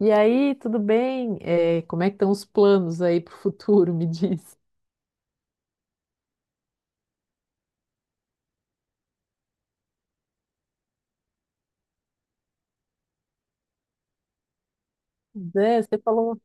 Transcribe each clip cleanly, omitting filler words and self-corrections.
E aí, tudo bem? Como é que estão os planos aí para o futuro? Me diz. Né, você falou.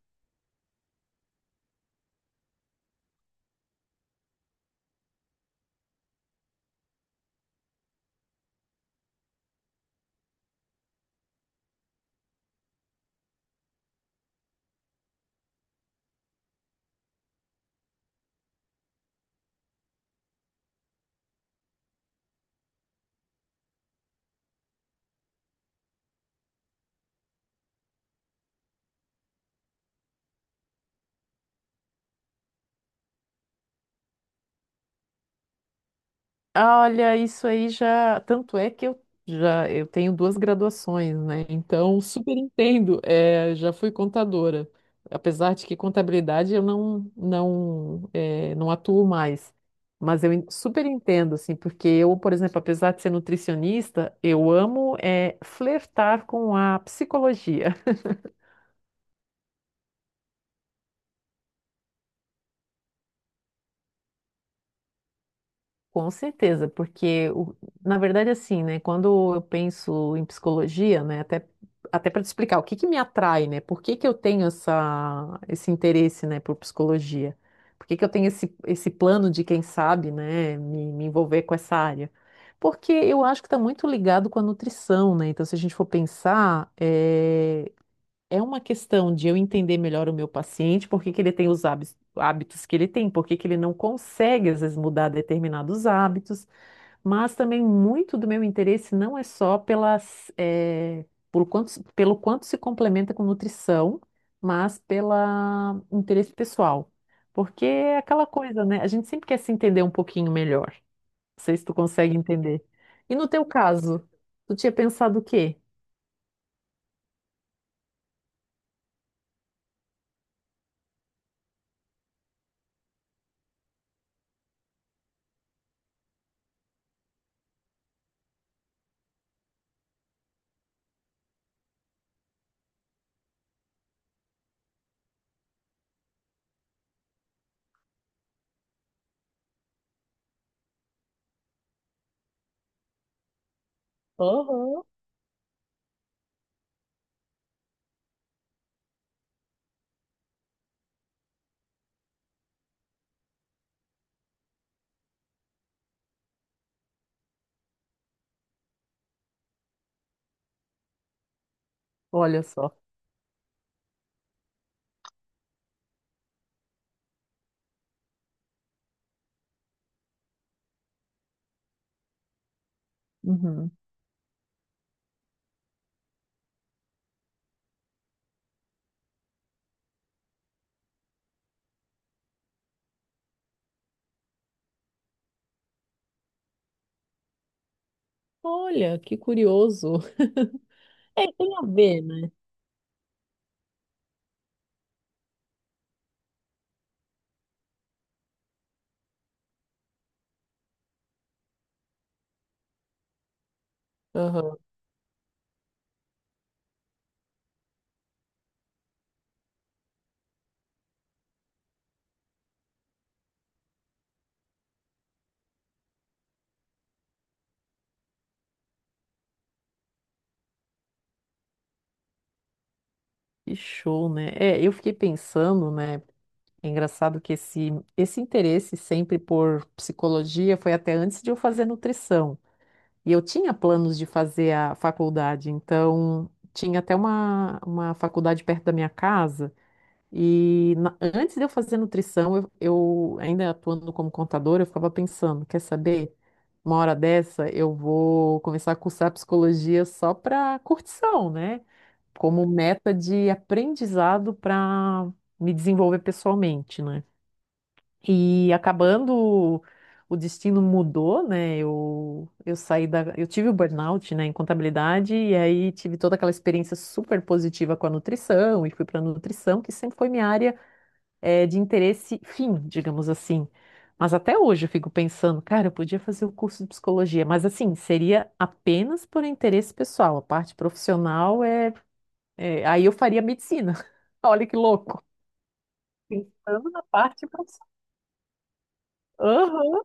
"Ah, olha, isso aí já. Tanto é que eu já eu tenho duas graduações, né? Então, super entendo. Já fui contadora. Apesar de que contabilidade eu não não atuo mais. Mas eu super entendo, assim, porque eu, por exemplo, apesar de ser nutricionista, eu amo flertar com a psicologia. Com certeza, porque na verdade assim, né, quando eu penso em psicologia, né, até para te explicar o que que me atrai, né? Por que que eu tenho essa esse interesse, né, por psicologia? Por que que eu tenho esse plano de quem sabe, né, me envolver com essa área? Porque eu acho que está muito ligado com a nutrição, né? Então, se a gente for pensar, é uma questão de eu entender melhor o meu paciente, por que que ele tem os hábitos que ele tem, por que que ele não consegue, às vezes, mudar determinados hábitos, mas também muito do meu interesse não é só por quanto, se- pelo quanto se complementa com nutrição, mas pelo interesse pessoal. Porque é aquela coisa, né? A gente sempre quer se entender um pouquinho melhor. Não sei se tu consegue entender. E no teu caso, tu tinha pensado o quê? Aham. Olha só. Uhum. Olha, que curioso. É, tem a ver, né? Aham. Que show, né? É, eu fiquei pensando, né? É engraçado esse interesse sempre por psicologia foi até antes de eu fazer nutrição. E eu tinha planos de fazer a faculdade, então tinha até uma faculdade perto da minha casa. E antes de eu fazer nutrição, eu ainda atuando como contadora, eu ficava pensando, quer saber? Uma hora dessa eu vou começar a cursar psicologia só para curtição, né? Como meta de aprendizado para me desenvolver pessoalmente, né? E acabando, o destino mudou, né? Eu saí eu tive o burnout, né, em contabilidade e aí tive toda aquela experiência super positiva com a nutrição e fui para nutrição, que sempre foi minha área de interesse fim, digamos assim. Mas até hoje eu fico pensando, cara, eu podia fazer o curso de psicologia, mas assim, seria apenas por interesse pessoal. A parte profissional aí eu faria medicina. Olha que louco. Pensando na parte profissional. Aham,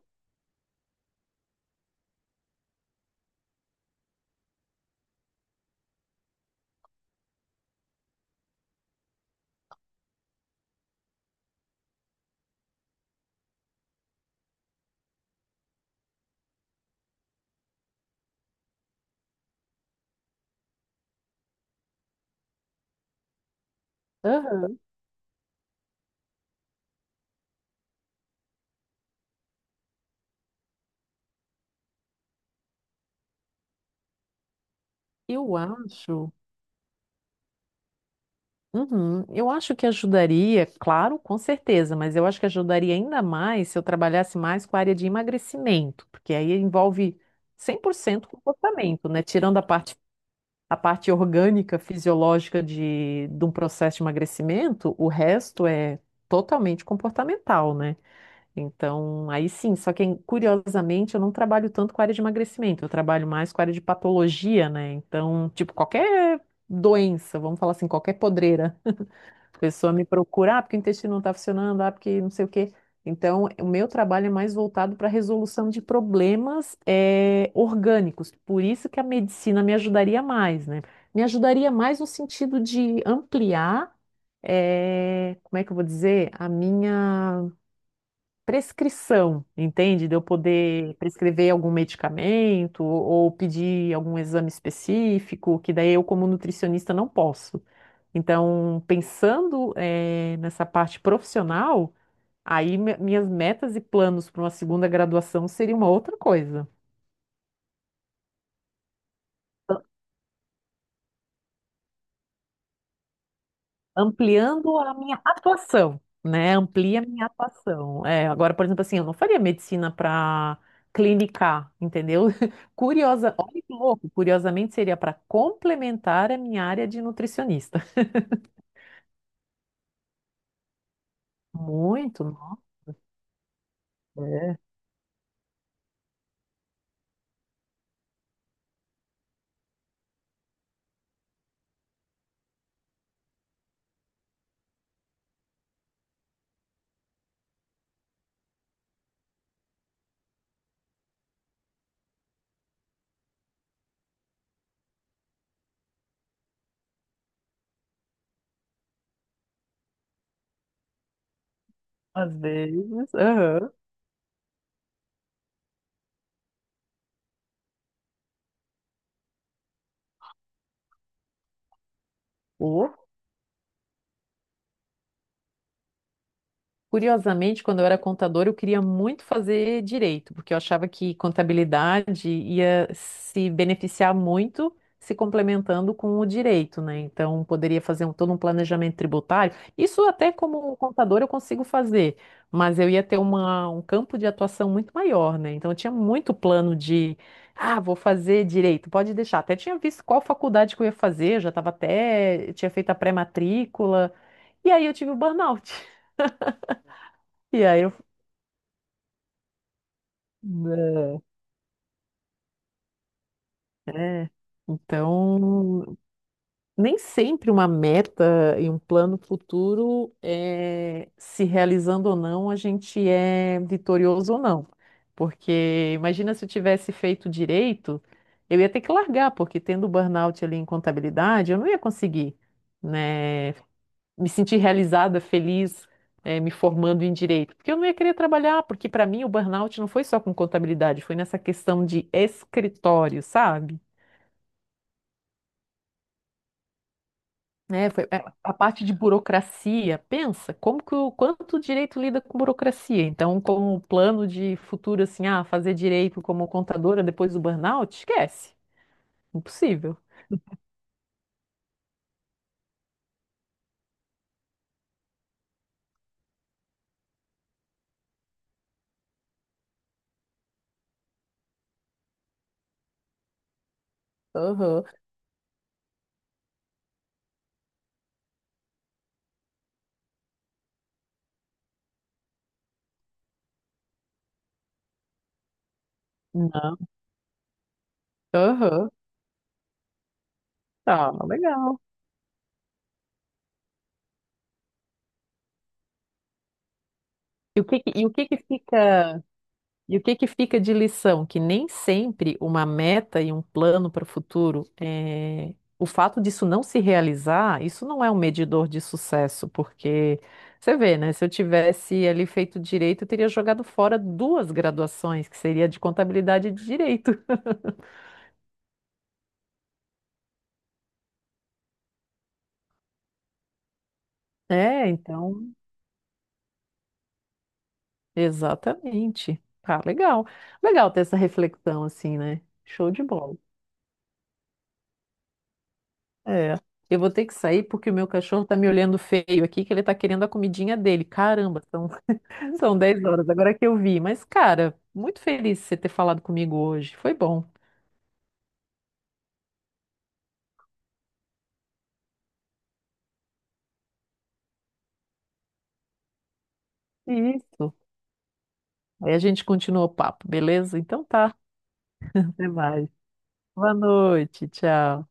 aham. Eu acho, uhum, eu acho que ajudaria, claro, com certeza, mas eu acho que ajudaria ainda mais se eu trabalhasse mais com a área de emagrecimento, porque aí envolve 100% comportamento, né? Tirando a parte orgânica, fisiológica de um processo de emagrecimento, o resto é totalmente comportamental, né? Então, aí sim, só que curiosamente eu não trabalho tanto com a área de emagrecimento, eu trabalho mais com a área de patologia, né? Então, tipo, qualquer doença, vamos falar assim, qualquer podreira a pessoa me procura, ah, porque o intestino não está funcionando, ah, porque não sei o quê. Então, o meu trabalho é mais voltado para a resolução de problemas orgânicos. Por isso que a medicina me ajudaria mais, né? Me ajudaria mais no sentido de ampliar, como é que eu vou dizer, a minha prescrição, entende? De eu poder prescrever algum medicamento ou pedir algum exame específico, que daí eu, como nutricionista, não posso. Então, pensando, nessa parte profissional, aí minhas metas e planos para uma segunda graduação seria uma outra coisa, a- ampliando a minha atuação, né? Amplia a minha atuação. É, agora, por exemplo, assim, eu não faria medicina para clinicar, entendeu? Curiosa, olha que louco, curiosamente seria para complementar a minha área de nutricionista. Muito, nossa. É, às vezes. Aham. Curiosamente, quando eu era contadora, eu queria muito fazer direito, porque eu achava que contabilidade ia se beneficiar muito se complementando com o direito, né? Então, poderia fazer todo um planejamento tributário. Isso até como contadora eu consigo fazer, mas eu ia ter um campo de atuação muito maior, né? Então, eu tinha muito plano de, ah, vou fazer direito, pode deixar. Até tinha visto qual faculdade que eu ia fazer, eu já estava até, tinha feito a pré-matrícula, e aí eu tive o burnout. E aí é, é. Então, nem sempre uma meta e um plano futuro se realizando ou não, a gente é vitorioso ou não. Porque imagina se eu tivesse feito direito, eu ia ter que largar, porque tendo burnout ali em contabilidade, eu não ia conseguir, né, me sentir realizada, feliz, me formando em direito, porque eu não ia querer trabalhar, porque para mim o burnout não foi só com contabilidade, foi nessa questão de escritório, sabe? Né? A parte de burocracia. Pensa, como que o quanto o direito lida com burocracia? Então, como o plano de futuro assim, ah, fazer direito como contadora depois do burnout, esquece. Impossível. Aham. Não. Aham. Tá, legal. E o que que- e o que que fica E o que que fica de lição? Que nem sempre uma meta e um plano para o futuro, o fato disso não se realizar, isso não é um medidor de sucesso, porque você vê, né? Se eu tivesse ali feito direito, eu teria jogado fora duas graduações, que seria de contabilidade e de direito. É, então, exatamente. Tá, legal. Legal ter essa reflexão assim, né? Show de bola. É. Eu vou ter que sair porque o meu cachorro tá me olhando feio aqui, que ele tá querendo a comidinha dele. Caramba, são 10 horas, agora que eu vi. Mas, cara, muito feliz de você ter falado comigo hoje. Foi bom. Isso. Aí a gente continua o papo, beleza? Então tá. Até mais. Boa noite. Tchau.